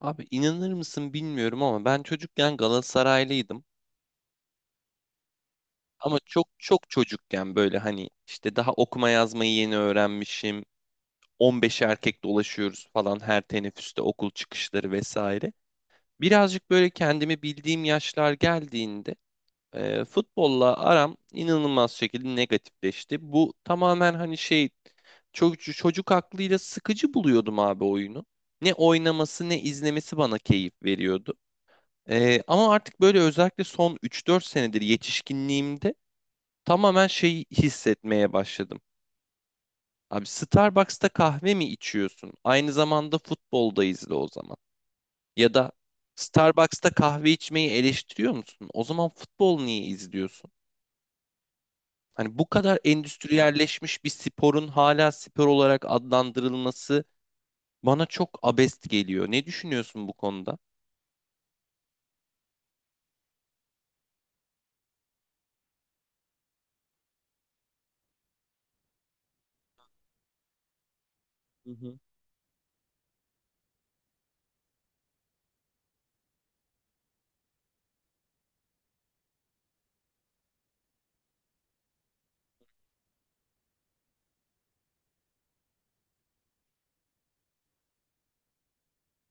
Abi inanır mısın bilmiyorum ama ben çocukken Galatasaraylıydım. Ama çok çok çocukken böyle hani işte daha okuma yazmayı yeni öğrenmişim. 15 erkek dolaşıyoruz falan her teneffüste okul çıkışları vesaire. Birazcık böyle kendimi bildiğim yaşlar geldiğinde futbolla aram inanılmaz şekilde negatifleşti. Bu tamamen hani şey çocuk aklıyla sıkıcı buluyordum abi oyunu. Ne oynaması ne izlemesi bana keyif veriyordu. Ama artık böyle özellikle son 3-4 senedir yetişkinliğimde tamamen şey hissetmeye başladım. Abi Starbucks'ta kahve mi içiyorsun? Aynı zamanda futbolda izle o zaman. Ya da Starbucks'ta kahve içmeyi eleştiriyor musun? O zaman futbol niye izliyorsun? Hani bu kadar endüstriyelleşmiş bir sporun hala spor olarak adlandırılması bana çok abest geliyor. Ne düşünüyorsun bu konuda? Hı hı,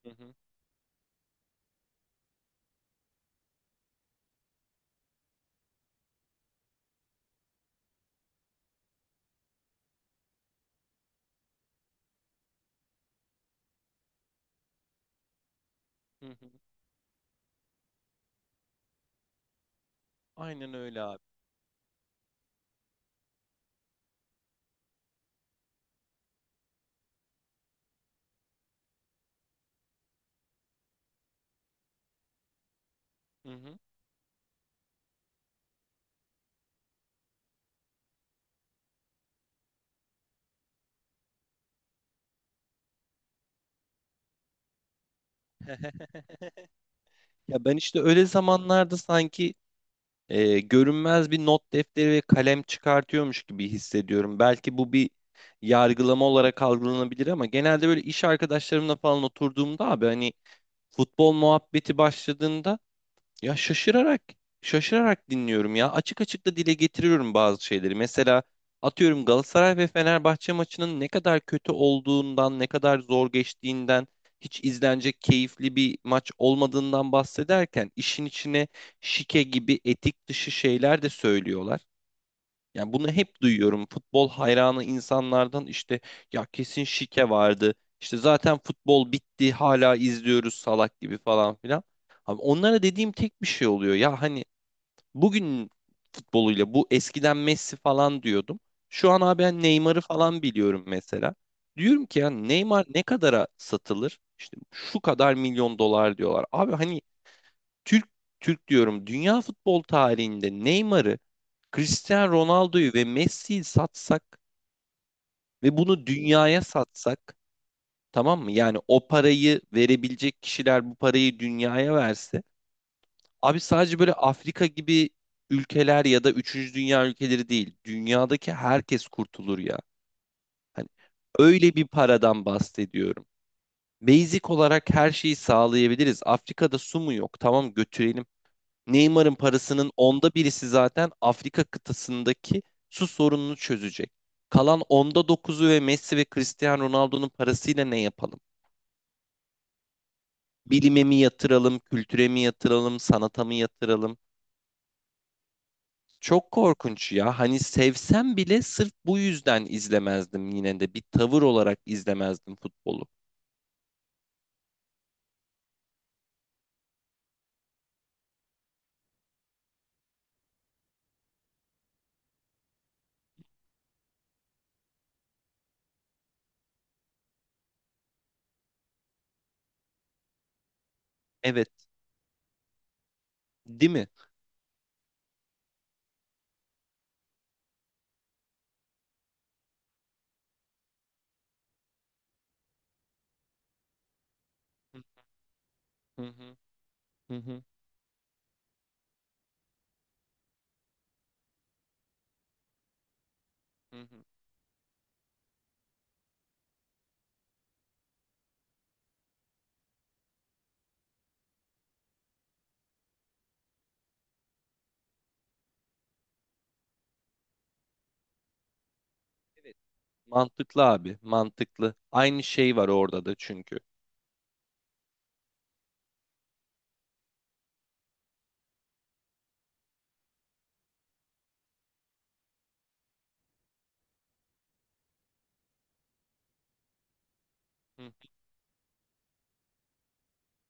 hı hı, hı hı. Aynen öyle abi. Hı hı. Ya ben işte öyle zamanlarda sanki görünmez bir not defteri ve kalem çıkartıyormuş gibi hissediyorum. Belki bu bir yargılama olarak algılanabilir ama genelde böyle iş arkadaşlarımla falan oturduğumda abi hani futbol muhabbeti başladığında ya şaşırarak şaşırarak dinliyorum ya. Açık açık da dile getiriyorum bazı şeyleri. Mesela atıyorum Galatasaray ve Fenerbahçe maçının ne kadar kötü olduğundan, ne kadar zor geçtiğinden, hiç izlenecek keyifli bir maç olmadığından bahsederken işin içine şike gibi etik dışı şeyler de söylüyorlar. Yani bunu hep duyuyorum. Futbol hayranı insanlardan işte ya kesin şike vardı. İşte zaten futbol bitti hala izliyoruz salak gibi falan filan. Abi onlara dediğim tek bir şey oluyor. Ya hani bugün futboluyla bu eskiden Messi falan diyordum. Şu an abi ben Neymar'ı falan biliyorum mesela. Diyorum ki ya Neymar ne kadara satılır? İşte şu kadar milyon dolar diyorlar. Abi hani Türk Türk diyorum dünya futbol tarihinde Neymar'ı, Cristiano Ronaldo'yu ve Messi'yi satsak ve bunu dünyaya satsak, tamam mı? Yani o parayı verebilecek kişiler bu parayı dünyaya verse abi sadece böyle Afrika gibi ülkeler ya da üçüncü dünya ülkeleri değil dünyadaki herkes kurtulur ya. Hani öyle bir paradan bahsediyorum. Basic olarak her şeyi sağlayabiliriz. Afrika'da su mu yok? Tamam, götürelim. Neymar'ın parasının onda birisi zaten Afrika kıtasındaki su sorununu çözecek. Kalan onda dokuzu ve Messi ve Cristiano Ronaldo'nun parasıyla ne yapalım? Bilime mi yatıralım, kültüre mi yatıralım, sanata mı yatıralım? Çok korkunç ya. Hani sevsem bile sırf bu yüzden izlemezdim yine de. Bir tavır olarak izlemezdim futbolu. Evet, değil mi? Hı hı, hı hı, hı hı. Mantıklı abi, mantıklı. Aynı şey var orada da çünkü. Hı hı.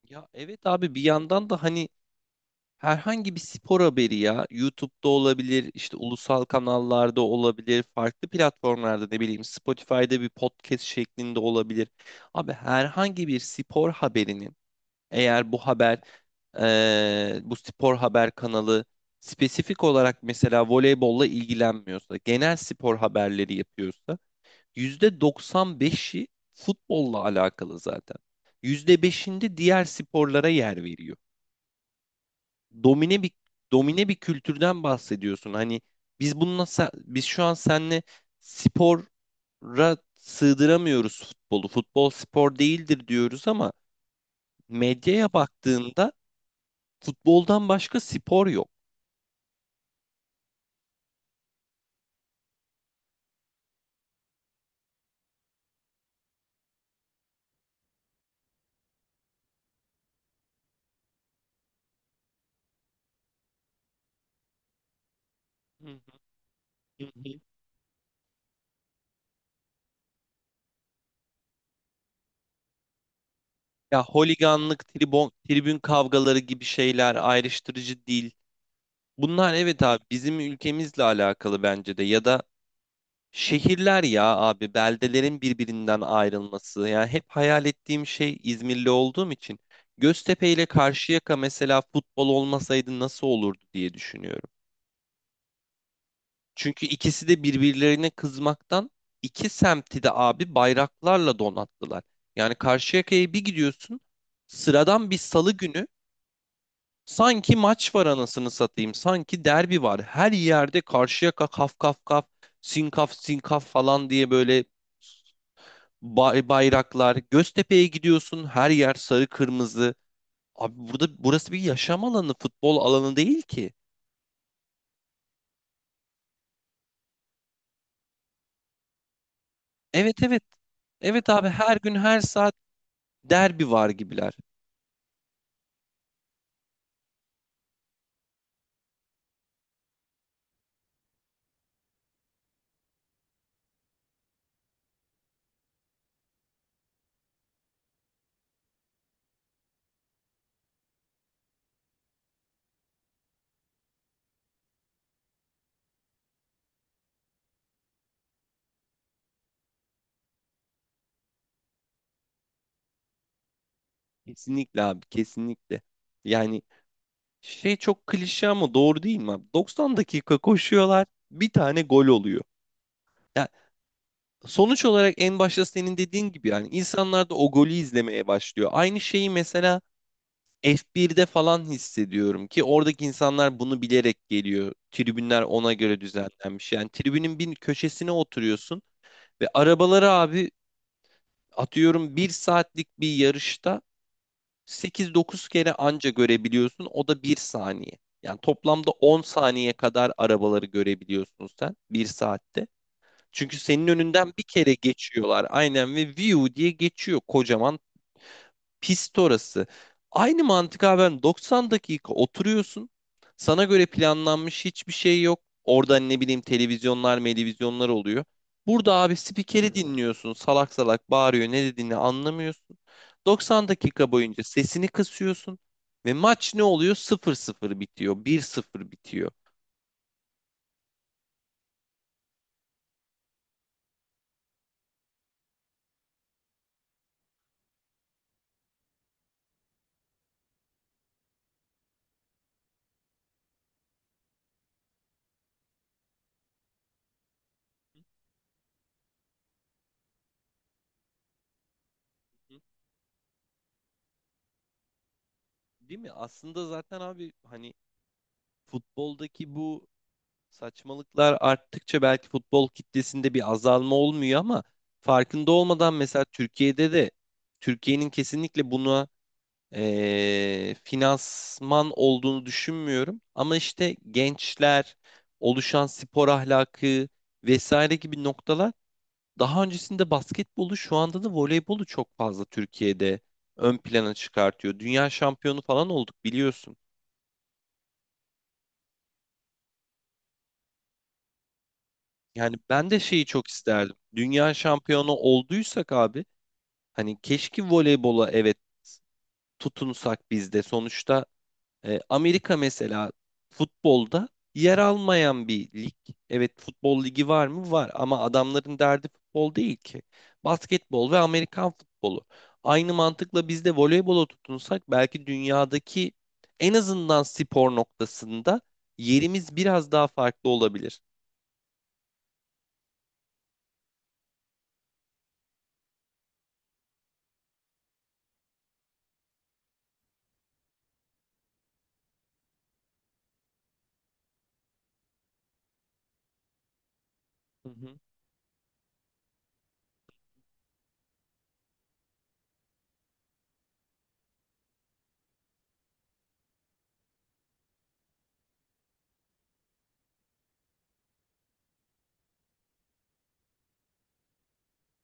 Ya evet abi bir yandan da hani herhangi bir spor haberi ya YouTube'da olabilir, işte ulusal kanallarda olabilir, farklı platformlarda ne bileyim Spotify'da bir podcast şeklinde olabilir. Abi herhangi bir spor haberinin, eğer bu haber bu spor haber kanalı spesifik olarak mesela voleybolla ilgilenmiyorsa, genel spor haberleri yapıyorsa %95'i futbolla alakalı zaten. %5'inde diğer sporlara yer veriyor. Domine bir domine bir kültürden bahsediyorsun. Hani biz şu an seninle spora sığdıramıyoruz futbolu. Futbol spor değildir diyoruz ama medyaya baktığında futboldan başka spor yok. Hı hı, hı hı. Ya holiganlık, tribon, tribün kavgaları gibi şeyler ayrıştırıcı değil. Bunlar evet abi bizim ülkemizle alakalı bence de ya da şehirler ya abi, beldelerin birbirinden ayrılması. Yani hep hayal ettiğim şey, İzmirli olduğum için Göztepe ile Karşıyaka mesela futbol olmasaydı nasıl olurdu diye düşünüyorum. Çünkü ikisi de birbirlerine kızmaktan iki semti de abi bayraklarla donattılar. Yani Karşıyaka'ya bir gidiyorsun sıradan bir salı günü sanki maç var anasını satayım, sanki derbi var. Her yerde Karşıyaka kaf kaf kaf, sinkaf sinkaf falan diye böyle bayraklar. Göztepe'ye gidiyorsun, her yer sarı kırmızı. Abi burada, burası bir yaşam alanı, futbol alanı değil ki. Evet, evet. Evet abi, her gün her saat derbi var gibiler. Kesinlikle abi, kesinlikle. Yani şey çok klişe ama doğru değil mi abi? 90 dakika koşuyorlar, bir tane gol oluyor. Ya sonuç olarak en başta senin dediğin gibi yani insanlar da o golü izlemeye başlıyor. Aynı şeyi mesela F1'de falan hissediyorum ki oradaki insanlar bunu bilerek geliyor. Tribünler ona göre düzenlenmiş. Yani tribünün bir köşesine oturuyorsun ve arabaları abi atıyorum bir saatlik bir yarışta 8-9 kere anca görebiliyorsun. O da bir saniye. Yani toplamda 10 saniye kadar arabaları görebiliyorsun sen bir saatte. Çünkü senin önünden bir kere geçiyorlar aynen ve view diye geçiyor kocaman. Pist orası. Aynı mantık abi, ben 90 dakika oturuyorsun. Sana göre planlanmış hiçbir şey yok. Orada ne bileyim, televizyonlar oluyor. Burada abi spikeri dinliyorsun. Salak salak bağırıyor. Ne dediğini anlamıyorsun. 90 dakika boyunca sesini kısıyorsun. Ve maç ne oluyor? 0-0 bitiyor. 1-0 bitiyor. Değil mi? Aslında zaten abi hani futboldaki bu saçmalıklar arttıkça belki futbol kitlesinde bir azalma olmuyor ama farkında olmadan mesela Türkiye'de de Türkiye'nin kesinlikle buna finansman olduğunu düşünmüyorum. Ama işte gençler, oluşan spor ahlakı vesaire gibi noktalar daha öncesinde basketbolu, şu anda da voleybolu çok fazla Türkiye'de ön plana çıkartıyor. Dünya şampiyonu falan olduk biliyorsun. Yani ben de şeyi çok isterdim. Dünya şampiyonu olduysak abi, hani keşke voleybola evet tutunsak biz de. Sonuçta Amerika mesela futbolda yer almayan bir lig. Evet, futbol ligi var mı? Var, ama adamların derdi futbol değil ki. Basketbol ve Amerikan futbolu. Aynı mantıkla biz de voleybola tutunsak belki dünyadaki en azından spor noktasında yerimiz biraz daha farklı olabilir. Hı hı.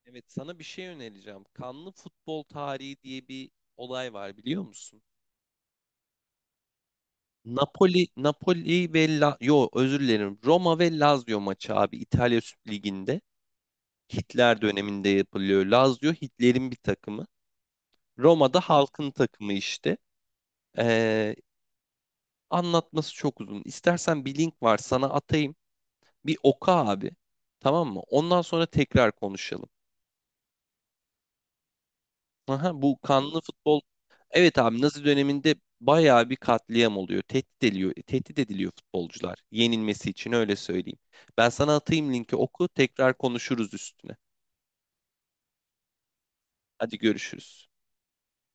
Evet, sana bir şey önereceğim. Kanlı futbol tarihi diye bir olay var, biliyor musun? Napoli ve yo, özür dilerim. Roma ve Lazio maçı abi, İtalya Süper Ligi'nde. Hitler döneminde yapılıyor. Lazio Hitler'in bir takımı. Roma'da halkın takımı işte. Ee, anlatması çok uzun. İstersen bir link var, sana atayım. Bir oku abi. Tamam mı? Ondan sonra tekrar konuşalım. Aha, bu kanlı futbol. Evet abi, Nazi döneminde bayağı bir katliam oluyor. Tehdit ediliyor, tehdit ediliyor futbolcular. Yenilmesi için, öyle söyleyeyim. Ben sana atayım linki, oku. Tekrar konuşuruz üstüne. Hadi görüşürüz.